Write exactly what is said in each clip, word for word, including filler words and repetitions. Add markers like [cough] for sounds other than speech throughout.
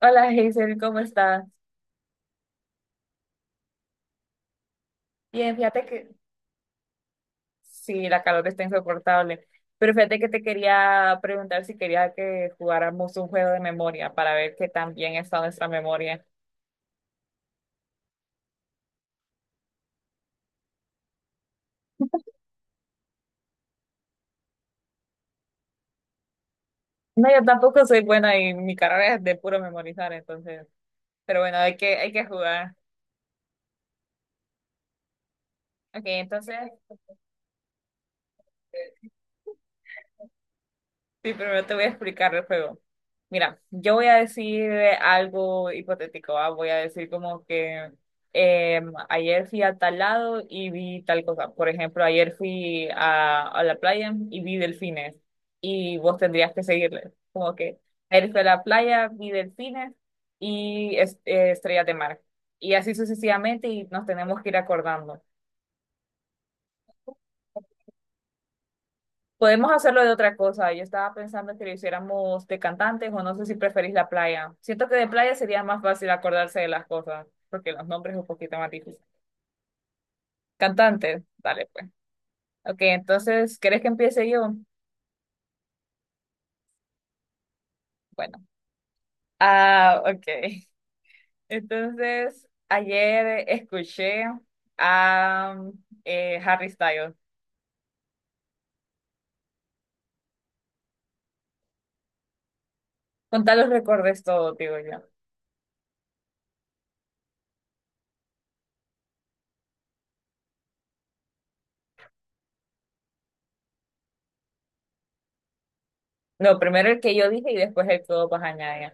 Hola Hazel, ¿cómo estás? Bien, fíjate que sí, la calor está insoportable, pero fíjate que te quería preguntar si quería que jugáramos un juego de memoria para ver qué tan bien está nuestra memoria. No, yo tampoco soy buena y mi carrera es de puro memorizar, entonces, pero bueno, hay que, hay que jugar. Ok, entonces, sí, primero te voy a explicar el juego. Mira, yo voy a decir algo hipotético, ¿va? Voy a decir como que em, ayer fui a tal lado y vi tal cosa. Por ejemplo, ayer fui a, a la playa y vi delfines y vos tendrías que seguirle. Como que ayer fui a la playa, vi delfines y es- eh, estrellas de mar. Y así sucesivamente y nos tenemos que ir acordando. Podemos hacerlo de otra cosa. Yo estaba pensando que lo hiciéramos de cantantes o no sé si preferís la playa. Siento que de playa sería más fácil acordarse de las cosas, porque los nombres es un poquito más difícil. Cantantes, dale pues. Ok, entonces, ¿querés que empiece yo? Bueno. Ah, ok. [laughs] Entonces, ayer escuché a eh, Harry Styles. Con tal los recordes todo, digo yo. No, primero el que yo dije y después el que vos vas a añadir.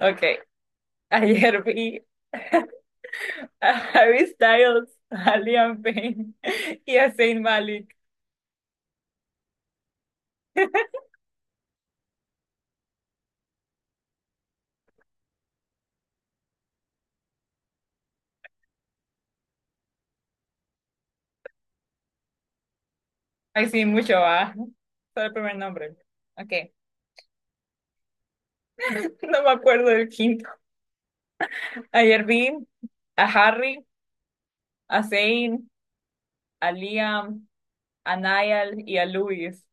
Ok, ayer vi. [laughs] A Harry Styles, [laughs] a Liam Payne y a Zayn Malik. Ay, sí, mucho va. Solo el primer nombre. Ok. No me acuerdo del quinto. Ayer vi a Harry, a Zayn, a Liam, a Niall y a Luis.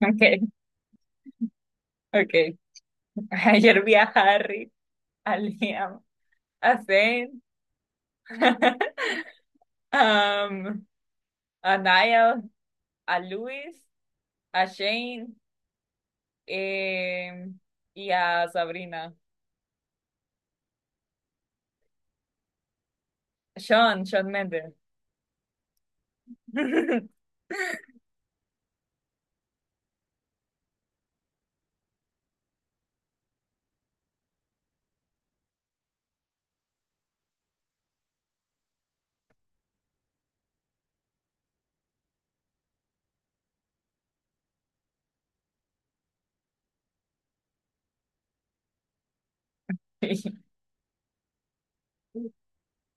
[laughs] Ok, ok. Ayer vi a Harry, a Liam, a Zayn, [laughs] um, a Niall, a Luis, a Shane eh, y a Sabrina. Sean, Sean Mendes. [laughs]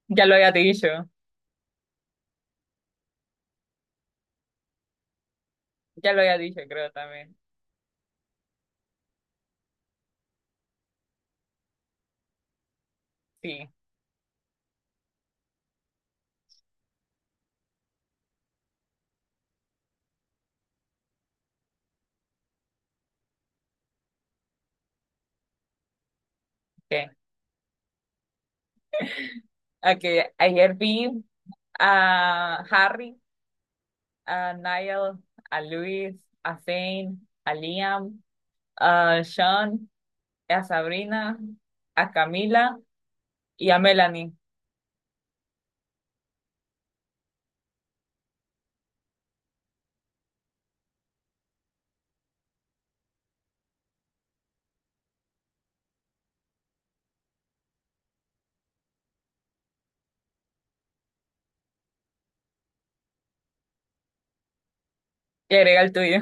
Ya lo había dicho, ya lo había dicho, creo también. Sí, ok. Ok, a que ayer vi a Harry, a Niall, a Luis, a Zane, a Liam, a Sean, a Sabrina, a Camila y a Melanie. Y agrega el tuyo.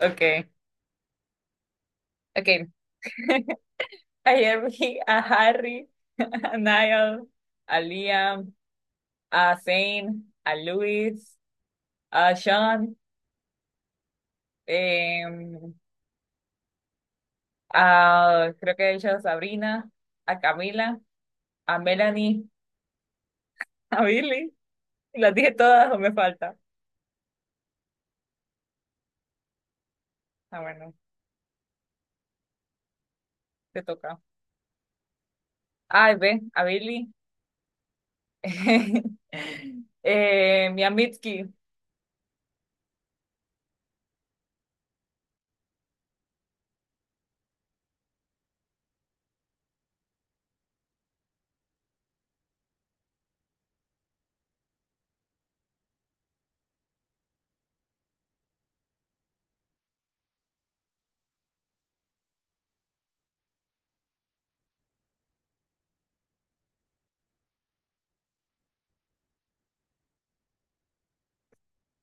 Okay, okay. Ayer vi a Harry, a Niall, a Liam, a Zane, a Luis, a Sean, em, ah, creo que he dicho a Sabrina, a Camila, a Melanie, [laughs] a Billy. Las dije todas o me falta. Ah, bueno, te toca. Ay, ve, a Billy. [laughs] eh, mi Mitski.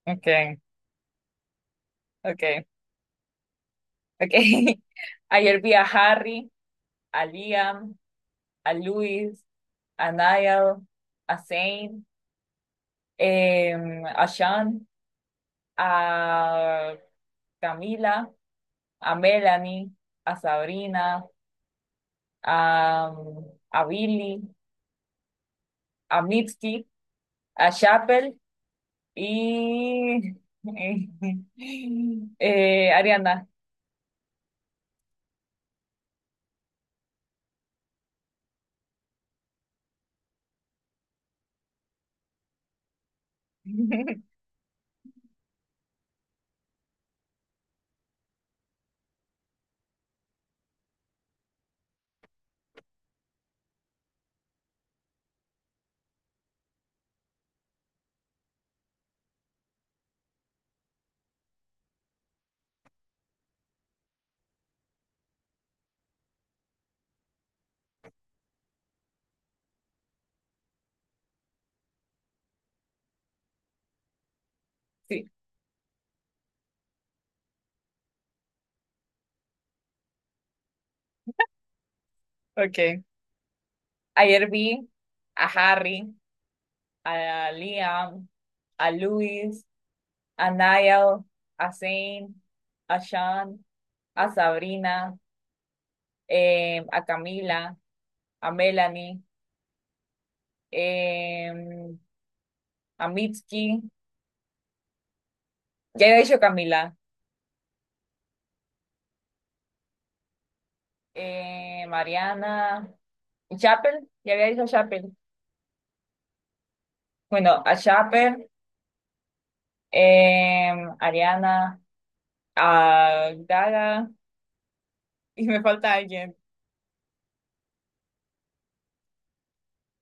Okay, okay, okay. [laughs] Ayer vi a Harry, a Liam, a Luis, a Niall, a Zane, em, a Sean, a Camila, a Melanie, a Sabrina a, a Billy, a Mitski, a Chappell y [laughs] eh, Ariana. [laughs] Sí. Okay. Ayer vi a Harry, a Liam, a Luis, a Niall, a Zane, a Sean, a Sabrina, eh, a Camila, a Melanie, eh, a Mitski, ya he dicho Camila, eh, Mariana, Chappell, ya había dicho Chappell. Bueno, a Chappell, eh, Ariana, a Gaga, [laughs] y me falta alguien.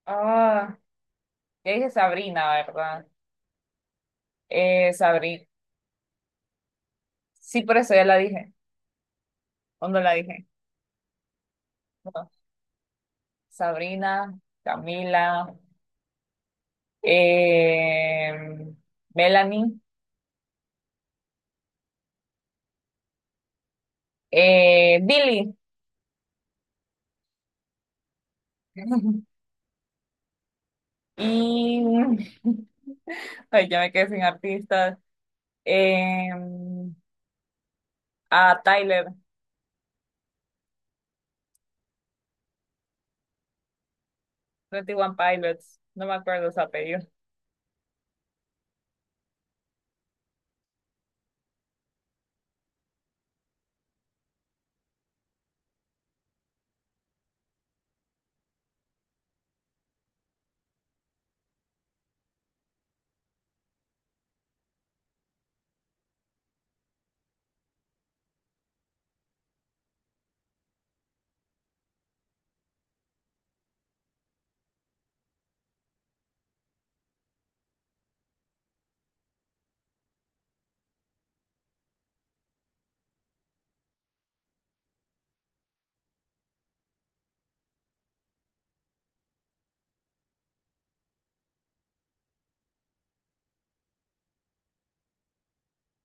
Ah, ya dije Sabrina, ¿verdad? Eh, Sabrina. Sí, por eso ya la dije. ¿O no la dije? No. Sabrina, Camila, eh, Melanie, eh, Billie. [laughs] Y. [laughs] Ay, ya me quedé sin artistas. Eh, a Tyler. veintiuno Pilots, no me acuerdo su apellido.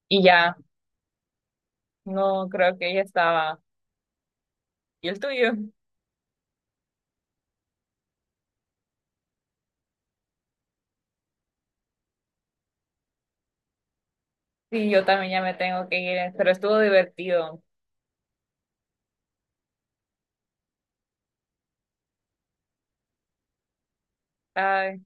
Y ya, no creo que ella estaba. ¿Y el tuyo? Sí, yo también ya me tengo que ir, pero estuvo divertido. Ay.